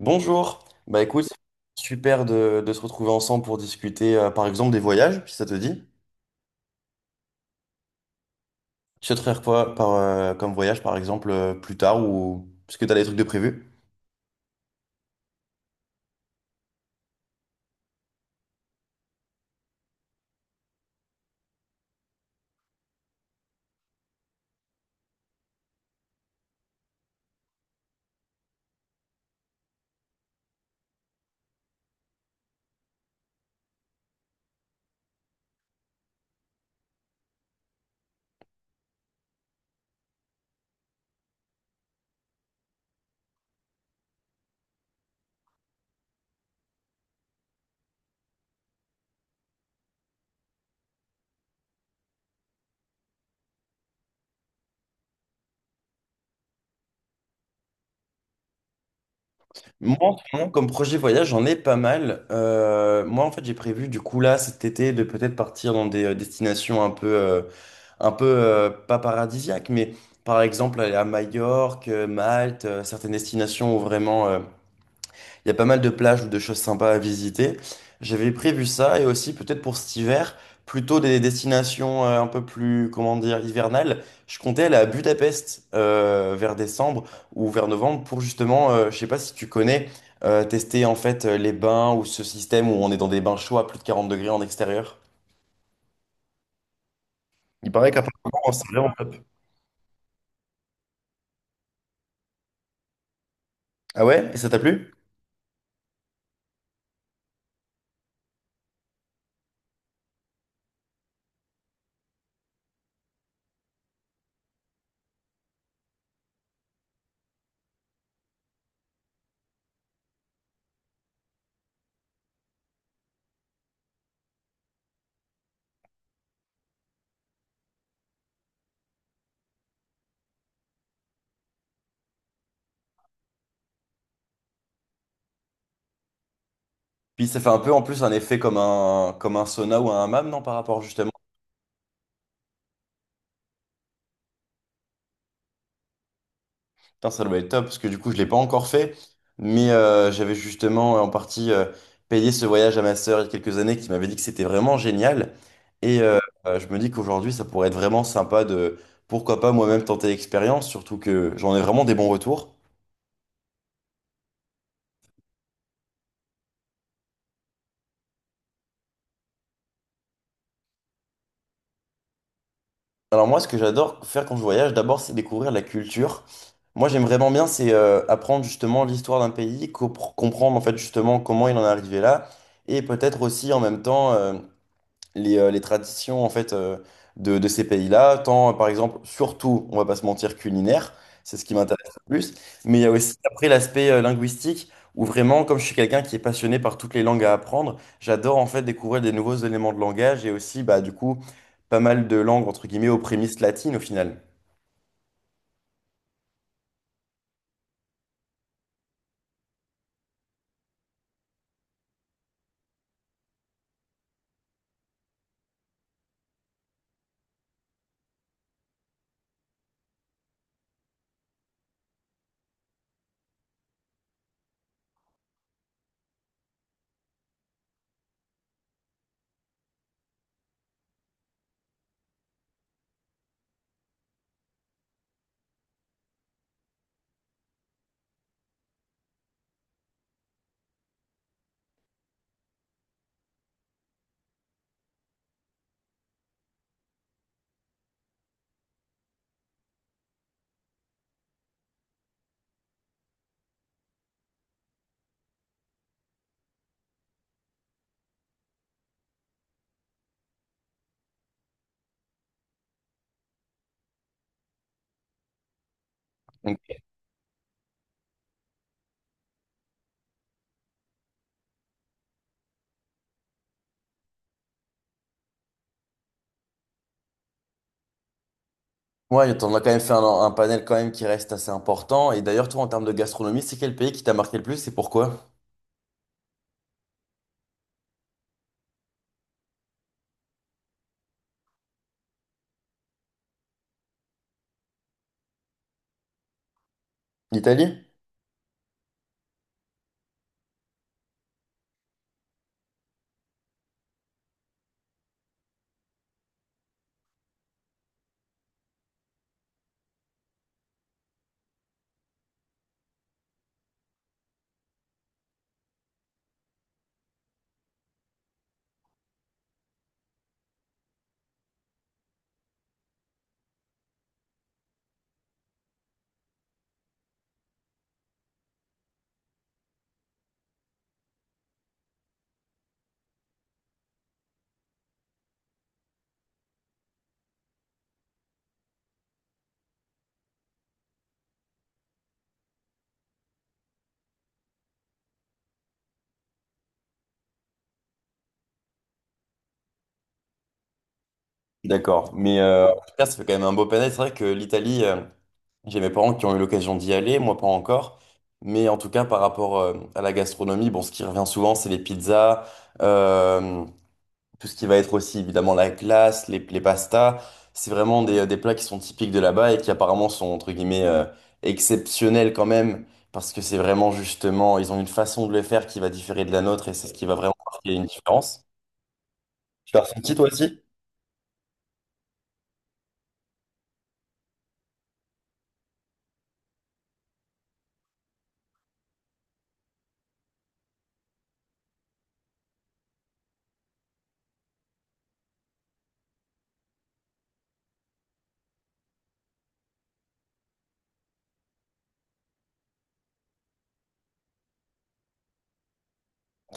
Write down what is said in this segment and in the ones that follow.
Bonjour, bah écoute, super de se retrouver ensemble pour discuter par exemple des voyages, si ça te dit. Tu souhaiterais faire quoi par, comme voyage par exemple plus tard ou parce que tu as des trucs de prévu? Moi en ce moment, comme projet voyage, j'en ai pas mal. Moi en fait j'ai prévu du coup là cet été de peut-être partir dans des destinations un peu, pas paradisiaques, mais par exemple aller à Majorque, Malte, certaines destinations où vraiment, il y a pas mal de plages ou de choses sympas à visiter. J'avais prévu ça et aussi peut-être pour cet hiver, plutôt des destinations un peu plus, comment dire, hivernales. Je comptais aller à Budapest vers décembre ou vers novembre pour justement, je sais pas si tu connais, tester en fait les bains ou ce système où on est dans des bains chauds à plus de 40 degrés en extérieur. Il paraît qu'apparemment, c'est vraiment top. Ah ouais? Et ça t'a plu? Puis ça fait un peu en plus un effet comme comme un sauna ou un hammam, non, par rapport justement. Putain, ça doit être top, parce que du coup, je l'ai pas encore fait, mais j'avais justement en partie, payé ce voyage à ma sœur il y a quelques années, qui m'avait dit que c'était vraiment génial. Et euh, je me dis qu'aujourd'hui, ça pourrait être vraiment sympa de, pourquoi pas moi-même tenter l'expérience, surtout que j'en ai vraiment des bons retours. Alors moi, ce que j'adore faire quand je voyage, d'abord, c'est découvrir la culture. Moi, j'aime vraiment bien, c'est apprendre justement l'histoire d'un pays, comprendre en fait justement comment il en est arrivé là, et peut-être aussi en même temps, les traditions en fait de ces pays-là, tant par exemple, surtout, on va pas se mentir, culinaire, c'est ce qui m'intéresse le plus, mais il y a aussi après l'aspect linguistique où vraiment, comme je suis quelqu'un qui est passionné par toutes les langues à apprendre, j'adore en fait découvrir des nouveaux éléments de langage et aussi bah du coup pas mal de langues entre guillemets aux prémices latines au final. Donc moi, on a quand même fait un panel quand même qui reste assez important. Et d'ailleurs, toi, en termes de gastronomie, c'est quel pays qui t'a marqué le plus et pourquoi? L'Italie? D'accord, mais en tout cas, ça fait quand même un beau panel. C'est vrai que l'Italie, j'ai mes parents qui ont eu l'occasion d'y aller, moi pas encore. Mais en tout cas, par rapport à la gastronomie, bon, ce qui revient souvent, c'est les pizzas, euh, tout ce qui va être aussi évidemment la glace, les pastas. C'est vraiment des plats qui sont typiques de là-bas et qui apparemment sont entre guillemets exceptionnels quand même, parce que c'est vraiment justement, ils ont une façon de le faire qui va différer de la nôtre et c'est ce qui va vraiment marquer une différence. Tu l'as ressenti toi aussi?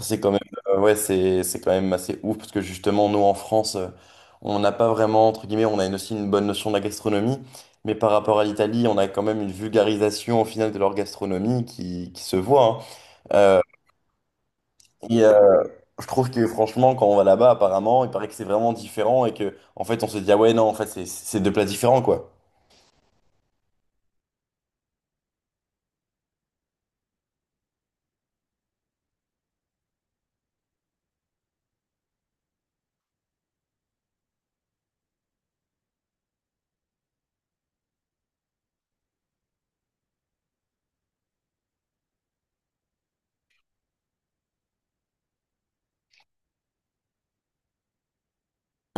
C'est quand même, ouais, c'est quand même assez ouf parce que justement, nous en France, on n'a pas vraiment, entre guillemets, on a aussi une bonne notion de la gastronomie, mais par rapport à l'Italie, on a quand même une vulgarisation au final de leur gastronomie qui se voit, hein. Euh, et euh, je trouve que franchement, quand on va là-bas, apparemment, il paraît que c'est vraiment différent et que, en fait, on se dit, ah ouais, non, en fait, c'est deux plats différents, quoi.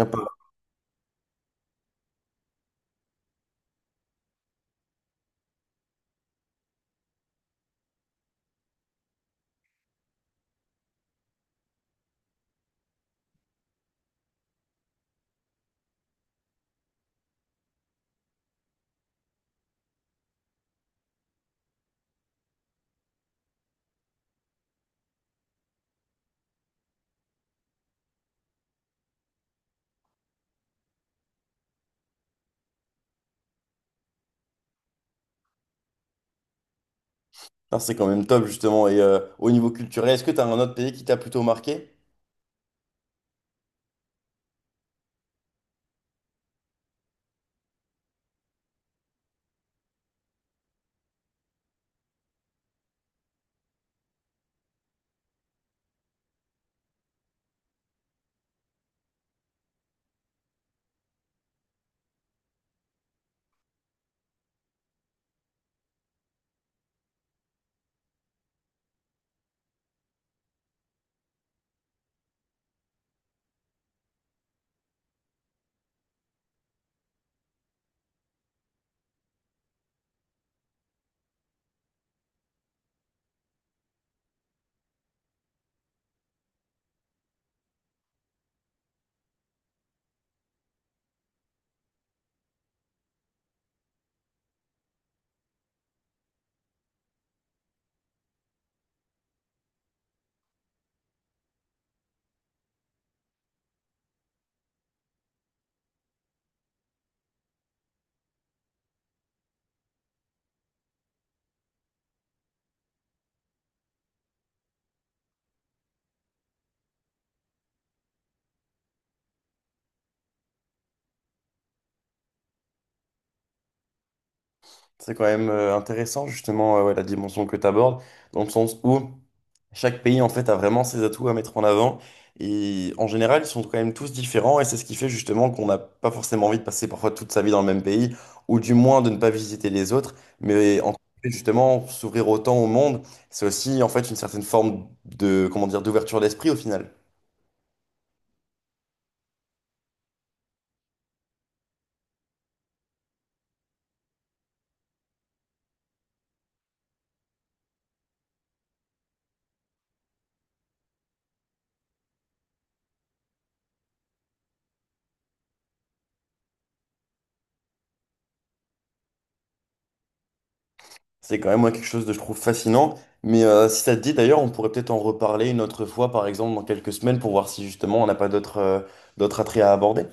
Un peu. Ah, c'est quand même top, justement. Et au niveau culturel, est-ce que tu as un autre pays qui t'a plutôt marqué? C'est quand même intéressant justement ouais, la dimension que tu abordes, dans le sens où chaque pays en fait a vraiment ses atouts à mettre en avant. Et en général, ils sont quand même tous différents et c'est ce qui fait justement qu'on n'a pas forcément envie de passer parfois toute sa vie dans le même pays, ou du moins de ne pas visiter les autres. Mais en fait, justement, s'ouvrir autant au monde, c'est aussi en fait une certaine forme de, comment dire, d'ouverture d'esprit au final. C'est quand même moi, quelque chose de je trouve fascinant. Mais si ça te dit d'ailleurs, on pourrait peut-être en reparler une autre fois, par exemple, dans quelques semaines, pour voir si justement on n'a pas d'autres d'autres attraits à aborder.